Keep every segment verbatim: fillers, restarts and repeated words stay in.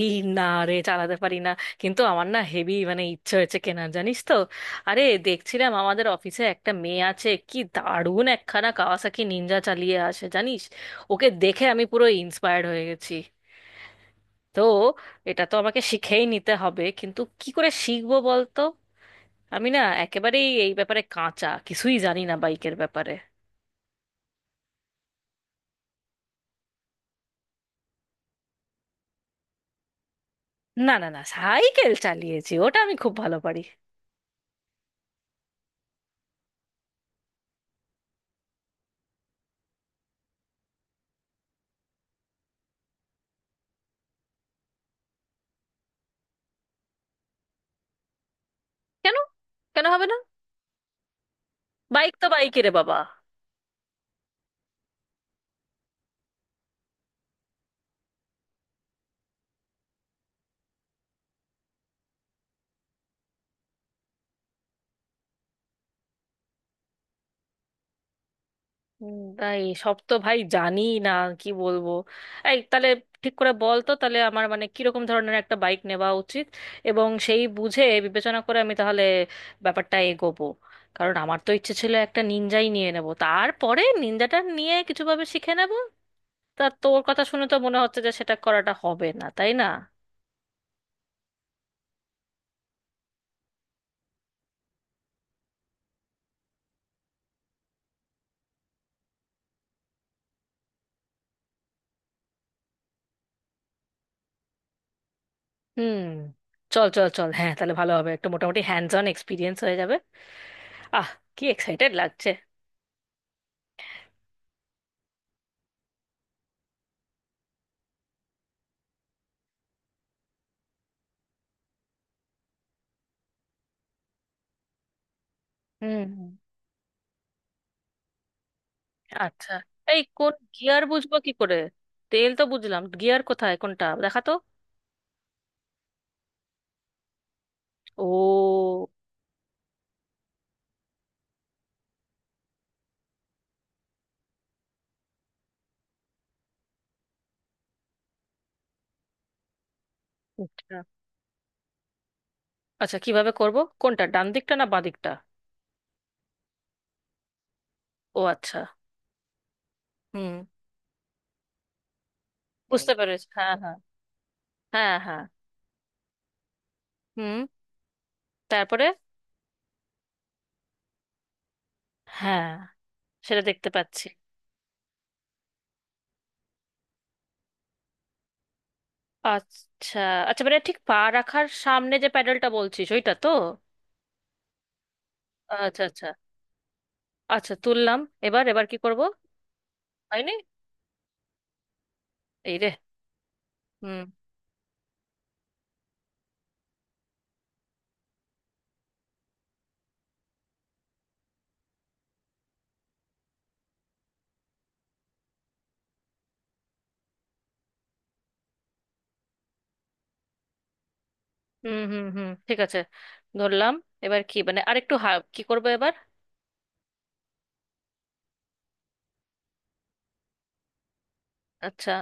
এই না রে, চালাতে পারি না। কিন্তু আমার না হেভি মানে ইচ্ছে হয়েছে কেনার, জানিস তো। আরে দেখছিলাম আমাদের অফিসে একটা মেয়ে আছে, কি দারুণ একখানা কাওয়াসাকি নিনজা চালিয়ে আসে জানিস। ওকে দেখে আমি পুরো ইন্সপায়ার্ড হয়ে গেছি। তো এটা তো আমাকে শিখেই নিতে হবে, কিন্তু কি করে শিখবো বলতো। আমি না একেবারেই এই ব্যাপারে কাঁচা, কিছুই জানি না বাইকের ব্যাপারে। না না না, সাইকেল চালিয়েছি, ওটা আমি খুব ভালো পারি। কেন? কেন হবে না? বাইক তো বাইকেরে বাবা। উম, তাই সব তো ভাই জানি না, কি বলবো। এই তাহলে ঠিক করে বল তো, তাহলে আমার মানে কিরকম ধরনের একটা বাইক নেওয়া উচিত, এবং সেই বুঝে বিবেচনা করে আমি তাহলে ব্যাপারটা এগোবো। কারণ আমার তো ইচ্ছে ছিল একটা নিনজাই নিয়ে নেব, তারপরে নিনজাটা নিয়ে কিছুভাবে শিখে নেব। তা তোর কথা শুনে তো মনে হচ্ছে যে সেটা করাটা হবে না, তাই না? হুম। চল চল চল, হ্যাঁ তাহলে ভালো হবে, একটু মোটামুটি হ্যান্ডস অন এক্সপিরিয়েন্স হয়ে যাবে। আহ কি এক্সাইটেড লাগছে। হুম। আচ্ছা এই কোন গিয়ার বুঝবো কি করে? তেল তো বুঝলাম, গিয়ার কোথায় কোনটা দেখা তো। ও আচ্ছা। আচ্ছা কিভাবে করব? কোনটা, ডান দিকটা না বাঁ দিকটা? ও আচ্ছা। হুম, বুঝতে পেরেছি, হ্যাঁ হ্যাঁ। হ্যাঁ হ্যাঁ। হুম। তারপরে? হ্যাঁ, সেটা দেখতে পাচ্ছি। আচ্ছা আচ্ছা, মানে ঠিক পা রাখার সামনে যে প্যাডেলটা বলছিস, ওইটা তো? আচ্ছা আচ্ছা। আচ্ছা তুললাম। এবার এবার কি করব? হয়নি। এই রে। হুম হুম হুম, ঠিক আছে। ধরলাম। এবার কি, মানে আরেকটু হা- কি করবো এবার? আচ্ছা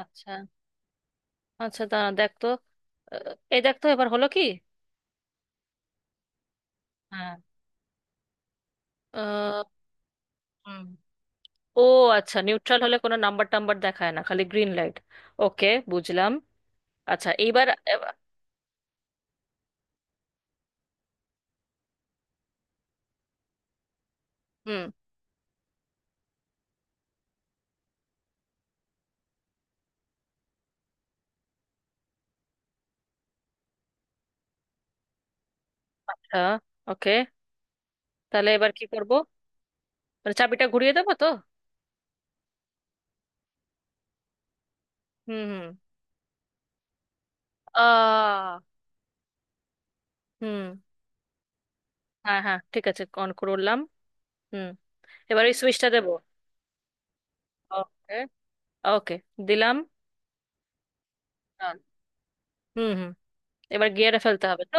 আচ্ছা আচ্ছা। দাঁড়া দেখ তো। আহ, এই দেখ তো এবার হলো কি। হ্যাঁ। আহ, হুম। ও আচ্ছা, নিউট্রাল হলে কোনো নাম্বার টাম্বার দেখায় না, খালি গ্রিন লাইট? ওকে, বুঝলাম। আচ্ছা এইবার। এবার। হুম। আচ্ছা। ওকে, তাহলে এবার কি করব? মানে চাবিটা ঘুরিয়ে দেবো তো? হুম হুম। আহ হুম। হ্যাঁ হ্যাঁ ঠিক আছে, অন করলাম। হুম। এবার ওই সুইচটা দেবো? ওকে ওকে, দিলাম। ডান। হুম হুম। এবার গিয়ারে ফেলতে হবে তো?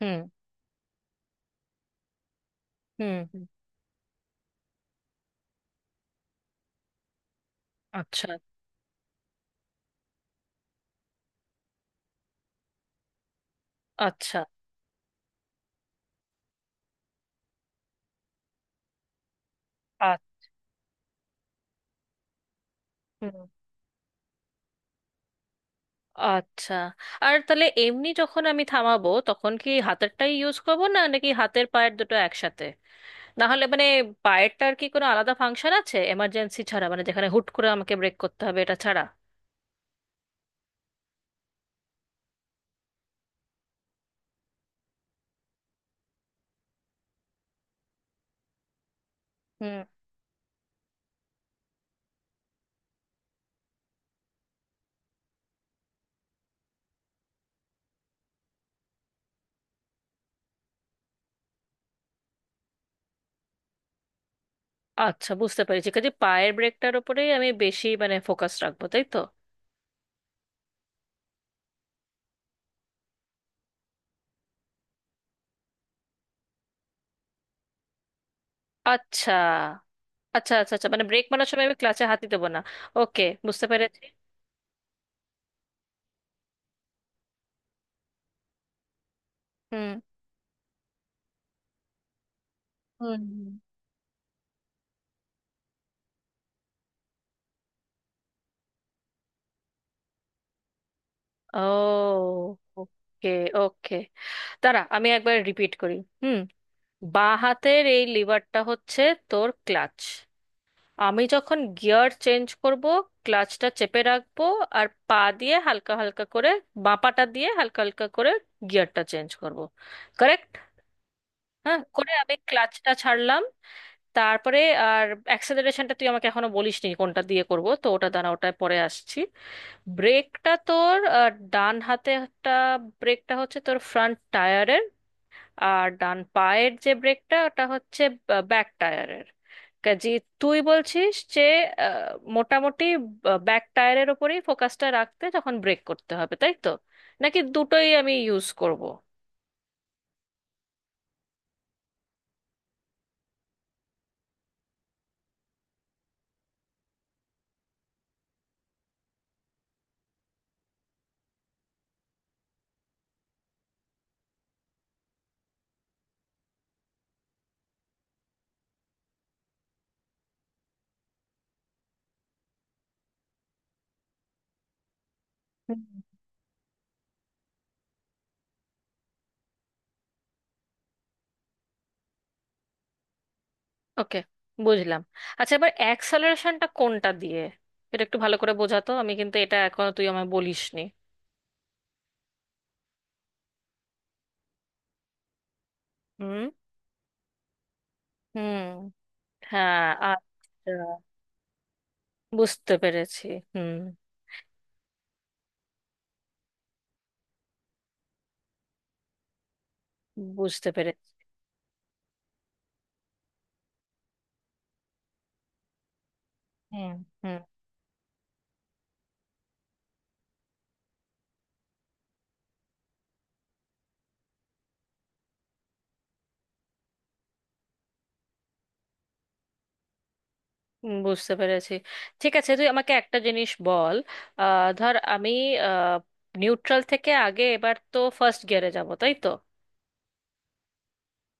হুম হুম হুম। আচ্ছা। আচ্ছা আ- হুম, আচ্ছা। আর তাহলে এমনি যখন আমি থামাবো তখন কি হাতেরটাই ইউজ করবো, না নাকি হাতের পায়ের দুটো একসাথে? না হলে মানে পায়েরটার কি কোনো আলাদা ফাংশন আছে এমার্জেন্সি ছাড়া, মানে যেখানে হুট করে আমাকে ব্রেক করতে হবে এটা ছাড়া? হুম। আচ্ছা বুঝতে পেরেছি, কাজে পায়ের ব্রেকটার উপরেই আমি বেশি মানে ফোকাস রাখবো, তাই তো? আচ্ছা আচ্ছা আচ্ছা। আচ্ছা, মানে ব্রেক মারার সময় আমি ক্লাচে হাতই দেবো না। ওকে বুঝতে পেরেছি। হুম হুম। ও। ওকে ওকে, দাঁড়া আমি একবার রিপিট করি। হুম। বাঁ হাতের এই লিভারটা হচ্ছে তোর ক্লাচ। আমি যখন গিয়ার চেঞ্জ করব, ক্লাচটা চেপে রাখবো। আর পা দিয়ে হালকা হালকা করে, বাঁ পাটা দিয়ে হালকা হালকা করে, গিয়ারটা চেঞ্জ করব। কারেক্ট? হ্যাঁ করে আমি ক্লাচটা ছাড়লাম। তারপরে। আর অ্যাক্সেলারেশনটা তুই আমাকে এখনো বলিসনি কোনটা দিয়ে করব, তো ওটা দাঁড়া ওটায় পরে আসছি। ব্রেকটা তোর আহ, ডান হাতে একটা ব্রেকটা হচ্ছে তোর ফ্রন্ট টায়ারের, আর ডান পায়ের যে ব্রেকটা ওটা হচ্ছে ব্যাক টায়ারের। কাজে তুই বলছিস যে আহ, মোটামুটি ব্যাক টায়ারের ওপরেই ফোকাসটা রাখতে যখন ব্রেক করতে হবে, তাই তো? নাকি দুটোই আমি ইউজ করব? ওকে বুঝলাম। আচ্ছা এবার অ্যাক্সেলারেশনটা কোনটা দিয়ে, এটা একটু ভালো করে বোঝাতো, আমি কিন্তু এটা এখনো তুই আমায় বলিসনি। হুম হুম। হ্যাঁ আচ্ছা। বুঝতে পেরেছি। হুম। বুঝতে পেরেছি। হুম হুম। হুম, বুঝতে পেরেছি। ঠিক আছে তুই আমাকে একটা জিনিস বল। আহ, ধর আমি নিউট্রাল থেকে আগে এবার তো ফার্স্ট গিয়ারে যাব, তাই তো?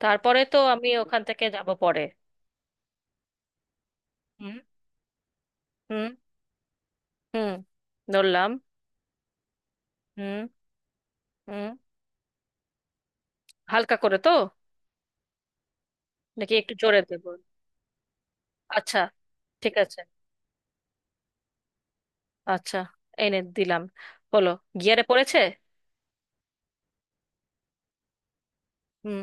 তারপরে তো আমি ওখান থেকে যাব পরে। হুম হুম। হুম, ধরলাম। হুম। হুম। হালকা করে তো, নাকি একটু জোরে দেব? আচ্ছা। ঠিক আছে। আচ্ছা, এনে দিলাম। হলো, গিয়ারে পড়েছে। হুম।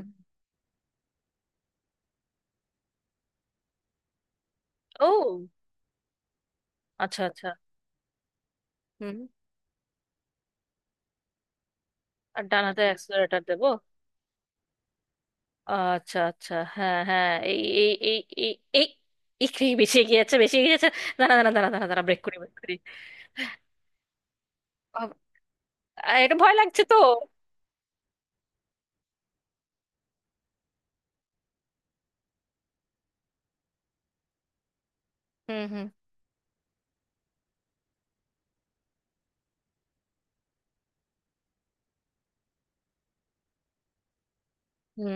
ও আচ্ছা আচ্ছা। হুম। আর ডান হাতে অ্যাক্সেলারেটর দেবো। আচ্ছা আচ্ছা, হ্যাঁ হ্যাঁ, এই এই এই। এই। এই। একটু বেশি এগিয়ে যাচ্ছে, বেশি এগিয়ে যাচ্ছে। দাঁড়া দাঁড়া দাঁড়া দাঁড়া দাঁড়া, ব্রেক করি ব্রেক করি। বাবা, আহ, এটা ভয় লাগছে তো। হুম হুম। হুম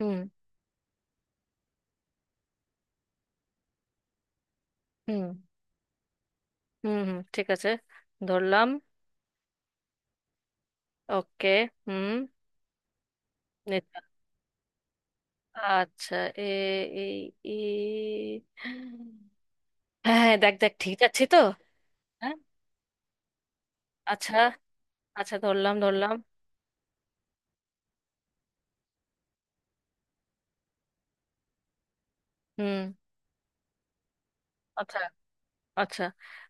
হুম হুম হুম হুম, ঠিক আছে। ধরলাম। ওকে। হুম। আচ্ছা এ এই ই হ্যাঁ হ্যাঁ, দেখ দেখ ঠিক আছে তো। হ্যাঁ। আচ্ছা আচ্ছা ধরলাম ধরলাম। হুম। আচ্ছা আচ্ছা।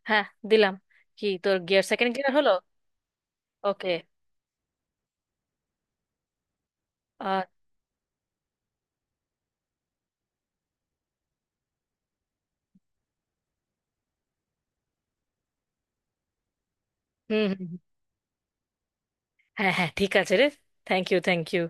হ্যাঁ, দিলাম। কি, তোর গিয়ার সেকেন্ড গিয়ার হলো? ওকে। আর। হুম হুম হুম। হ্যাঁ হ্যাঁ ঠিক আছে রে। Thank you thank you.